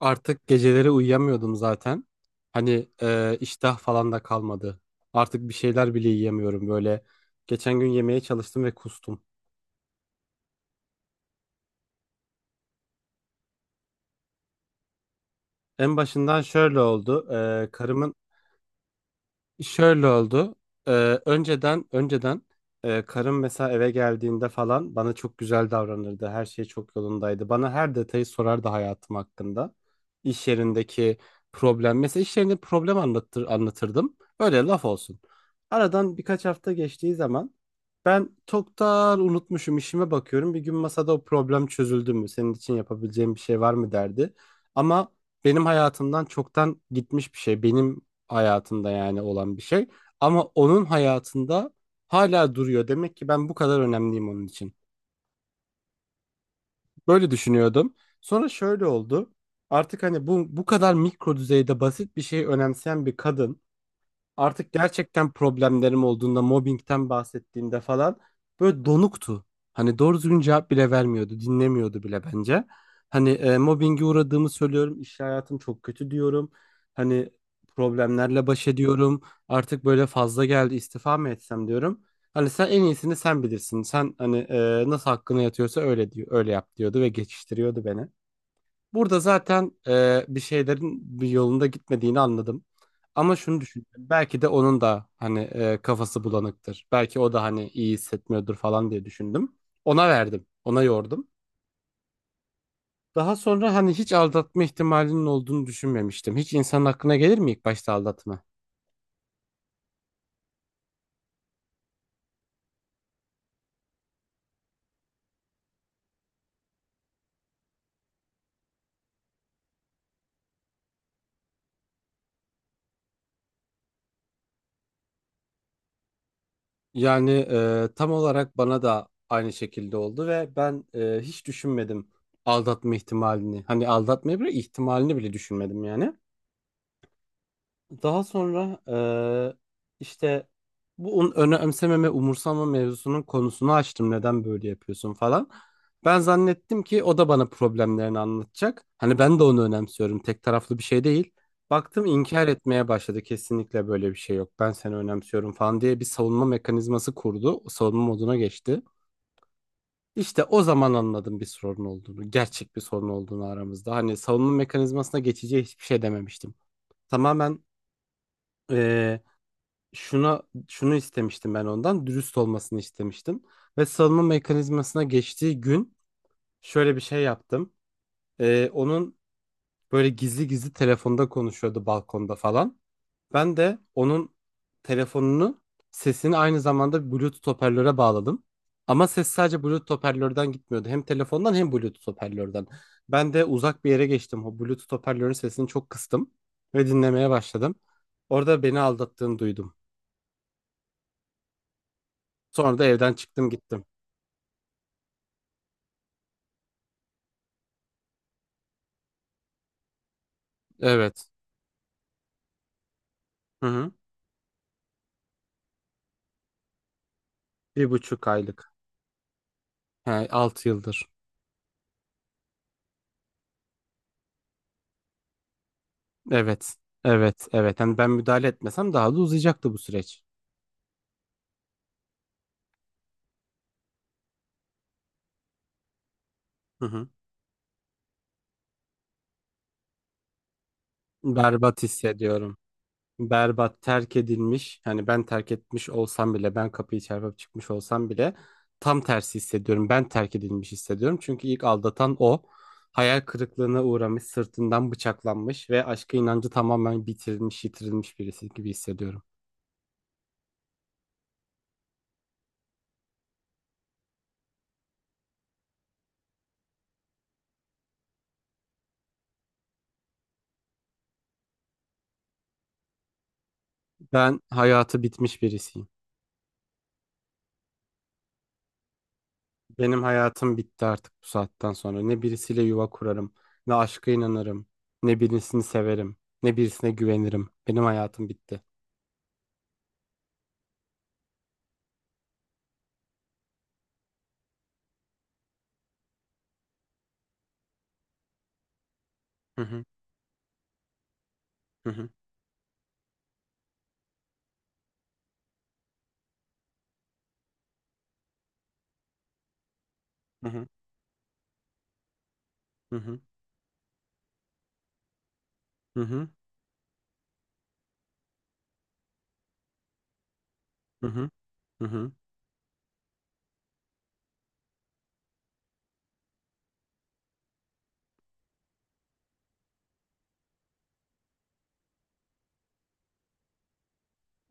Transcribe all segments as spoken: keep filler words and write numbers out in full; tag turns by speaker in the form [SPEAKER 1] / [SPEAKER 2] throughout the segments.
[SPEAKER 1] Artık geceleri uyuyamıyordum zaten. Hani e, iştah falan da kalmadı. Artık bir şeyler bile yiyemiyorum böyle. Geçen gün yemeye çalıştım ve kustum. En başından şöyle oldu. E, karımın Şöyle oldu. Ee, önceden önceden e, karım mesela eve geldiğinde falan bana çok güzel davranırdı. Her şey çok yolundaydı. Bana her detayı sorardı hayatım hakkında. İş yerindeki problem. Mesela iş yerinde problem anlatır, anlatırdım. Öyle laf olsun. Aradan birkaç hafta geçtiği zaman ben çoktan unutmuşum, işime bakıyorum. Bir gün masada, "O problem çözüldü mü? Senin için yapabileceğim bir şey var mı?" derdi. Ama benim hayatımdan çoktan gitmiş bir şey. Benim hayatında yani olan bir şey. Ama onun hayatında hala duruyor. Demek ki ben bu kadar önemliyim onun için. Böyle düşünüyordum. Sonra şöyle oldu. Artık hani bu bu kadar mikro düzeyde basit bir şeyi önemseyen bir kadın. Artık gerçekten problemlerim olduğunda, mobbingten bahsettiğinde falan böyle donuktu. Hani doğru düzgün cevap bile vermiyordu, dinlemiyordu bile bence. Hani e, mobbinge uğradığımı söylüyorum, iş hayatım çok kötü diyorum. Hani problemlerle baş ediyorum. Artık böyle fazla geldi, istifa mı etsem diyorum. Hani sen en iyisini sen bilirsin. Sen hani e, nasıl hakkına yatıyorsa öyle diyor, öyle yap diyordu ve geçiştiriyordu beni. Burada zaten e, bir şeylerin bir yolunda gitmediğini anladım. Ama şunu düşündüm. Belki de onun da hani e, kafası bulanıktır. Belki o da hani iyi hissetmiyordur falan diye düşündüm. Ona verdim. Ona yordum. Daha sonra hani hiç aldatma ihtimalinin olduğunu düşünmemiştim. Hiç insanın aklına gelir mi ilk başta aldatma? Yani e, tam olarak bana da aynı şekilde oldu ve ben e, hiç düşünmedim aldatma ihtimalini. Hani aldatmayı bile, ihtimalini bile düşünmedim yani. Daha sonra eee, işte bu un- önemsememe, umursamama mevzusunun konusunu açtım. Neden böyle yapıyorsun falan. Ben zannettim ki o da bana problemlerini anlatacak. Hani ben de onu önemsiyorum. Tek taraflı bir şey değil. Baktım inkar etmeye başladı. Kesinlikle böyle bir şey yok. Ben seni önemsiyorum falan diye bir savunma mekanizması kurdu. Savunma moduna geçti. İşte o zaman anladım bir sorun olduğunu. Gerçek bir sorun olduğunu aramızda. Hani savunma mekanizmasına geçeceği hiçbir şey dememiştim. Tamamen şuna şunu istemiştim, ben ondan dürüst olmasını istemiştim ve salınma mekanizmasına geçtiği gün şöyle bir şey yaptım. Ee, onun böyle gizli gizli telefonda konuşuyordu, balkonda falan. Ben de onun telefonunu sesini aynı zamanda Bluetooth hoparlöre bağladım. Ama ses sadece Bluetooth hoparlörden gitmiyordu. Hem telefondan hem Bluetooth hoparlörden. Ben de uzak bir yere geçtim. O Bluetooth hoparlörün sesini çok kıstım ve dinlemeye başladım. Orada beni aldattığını duydum. Sonra da evden çıktım, gittim. Evet. Hı hı. Bir buçuk aylık. He, altı yıldır. Evet. Evet. Evet. Yani ben müdahale etmesem daha da uzayacaktı bu süreç. Hı hı. Berbat hissediyorum. Berbat, terk edilmiş. Hani ben terk etmiş olsam bile, ben kapıyı çarpıp çıkmış olsam bile tam tersi hissediyorum. Ben terk edilmiş hissediyorum. Çünkü ilk aldatan o. Hayal kırıklığına uğramış, sırtından bıçaklanmış ve aşka inancı tamamen bitirilmiş, yitirilmiş birisi gibi hissediyorum. Ben hayatı bitmiş birisiyim. Benim hayatım bitti artık bu saatten sonra. Ne birisiyle yuva kurarım, ne aşka inanırım, ne birisini severim, ne birisine güvenirim. Benim hayatım bitti. Hı hı. Hı hı. Hı hı. Hı hı. Hı hı. Hı hı. Hı.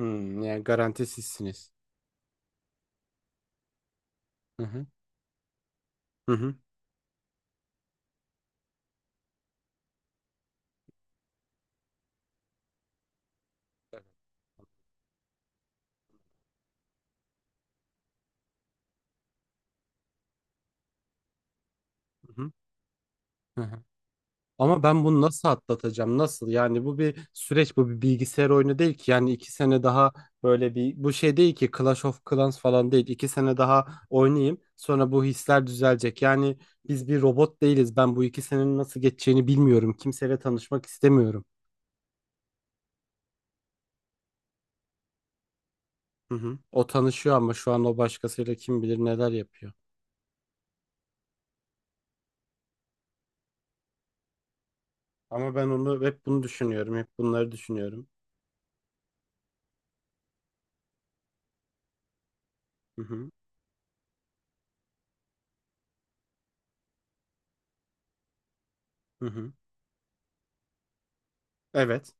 [SPEAKER 1] Hmm, yani garantisizsiniz. Hı hı. Hı hı. Hı hı. Ama ben bunu nasıl atlatacağım? Nasıl? Yani bu bir süreç, bu bir bilgisayar oyunu değil ki. Yani iki sene daha, böyle bir bu şey değil ki, Clash of Clans falan değil. İki sene daha oynayayım, sonra bu hisler düzelecek. Yani biz bir robot değiliz. Ben bu iki senenin nasıl geçeceğini bilmiyorum. Kimseyle tanışmak istemiyorum. Hı hı. O tanışıyor ama şu an o başkasıyla kim bilir neler yapıyor. Ama ben onu, hep bunu düşünüyorum. Hep bunları düşünüyorum. Hı hı. Hı hı. Evet.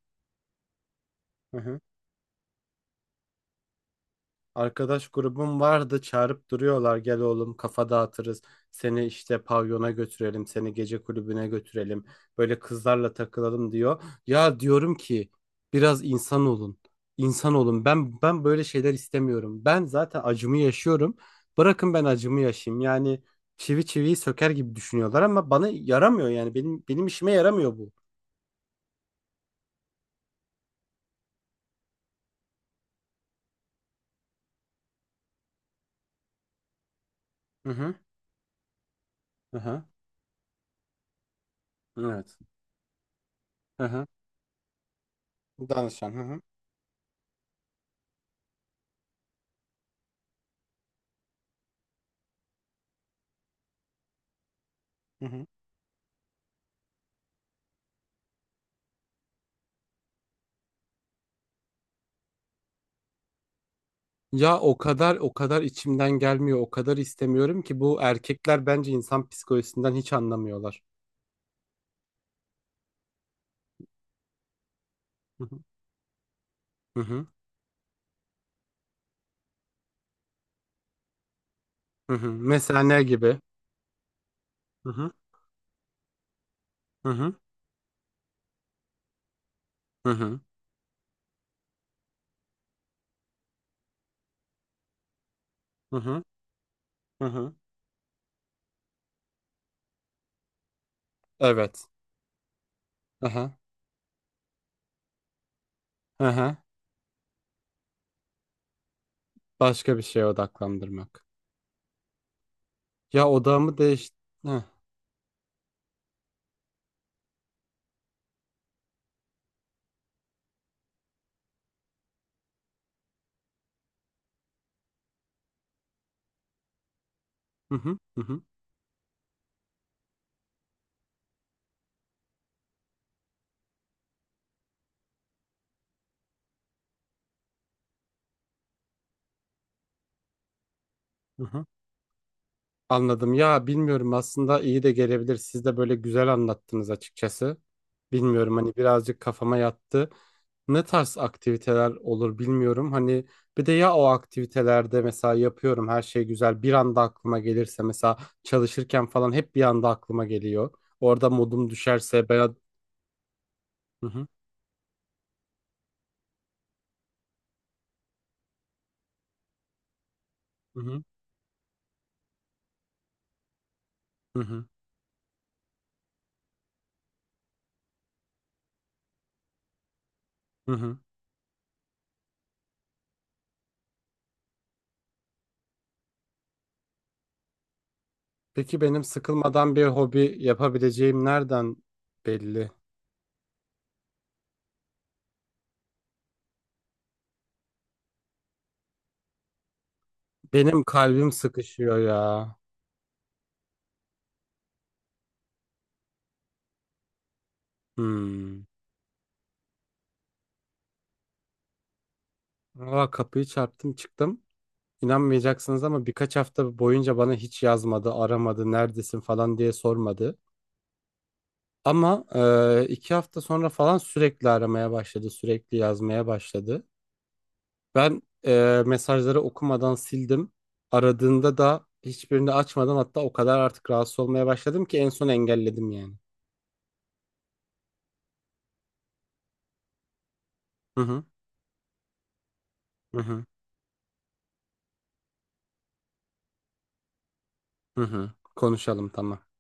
[SPEAKER 1] Arkadaş grubum vardı, çağırıp duruyorlar, "Gel oğlum, kafa dağıtırız, seni işte pavyona götürelim, seni gece kulübüne götürelim, böyle kızlarla takılalım," diyor. Ya diyorum ki, "Biraz insan olun, insan olun, ben ben böyle şeyler istemiyorum, ben zaten acımı yaşıyorum, bırakın ben acımı yaşayayım yani." Çivi çiviyi söker gibi düşünüyorlar ama bana yaramıyor, yani benim benim işime yaramıyor bu. Hı hı. Hı hı. Evet. Hı hı. Danışan. Hı hı. Hı hı. Ya o kadar, o kadar içimden gelmiyor, o kadar istemiyorum ki, bu erkekler bence insan psikolojisinden hiç anlamıyorlar. Hı hı. Hı hı. Hı hı. Mesela ne gibi? Hı hı. Hı hı. Hı hı. Hı hı. Hı hı. Evet. Aha. Aha. Başka bir şeye odaklandırmak. Ya odağımı değiş... Heh. Hı hı. Hı hı. Hı hı. Anladım. Ya bilmiyorum, aslında iyi de gelebilir. Siz de böyle güzel anlattınız açıkçası. Bilmiyorum, hani birazcık kafama yattı. Ne tarz aktiviteler olur bilmiyorum. Hani bir de, ya o aktivitelerde mesela yapıyorum, her şey güzel, bir anda aklıma gelirse mesela, çalışırken falan hep bir anda aklıma geliyor. Orada modum düşerse ben... Hı hı. Hı hı. Hı hı. Hı hı. Peki benim sıkılmadan bir hobi yapabileceğim nereden belli? Benim kalbim sıkışıyor ya. Hmm. Aa, kapıyı çarptım çıktım. İnanmayacaksınız ama birkaç hafta boyunca bana hiç yazmadı, aramadı, neredesin falan diye sormadı. Ama e, iki hafta sonra falan sürekli aramaya başladı, sürekli yazmaya başladı. Ben e, mesajları okumadan sildim. Aradığında da hiçbirini açmadan hatta o kadar artık rahatsız olmaya başladım ki en son engelledim yani. Hı hı. Hı hı. Hı hı. Konuşalım, tamam.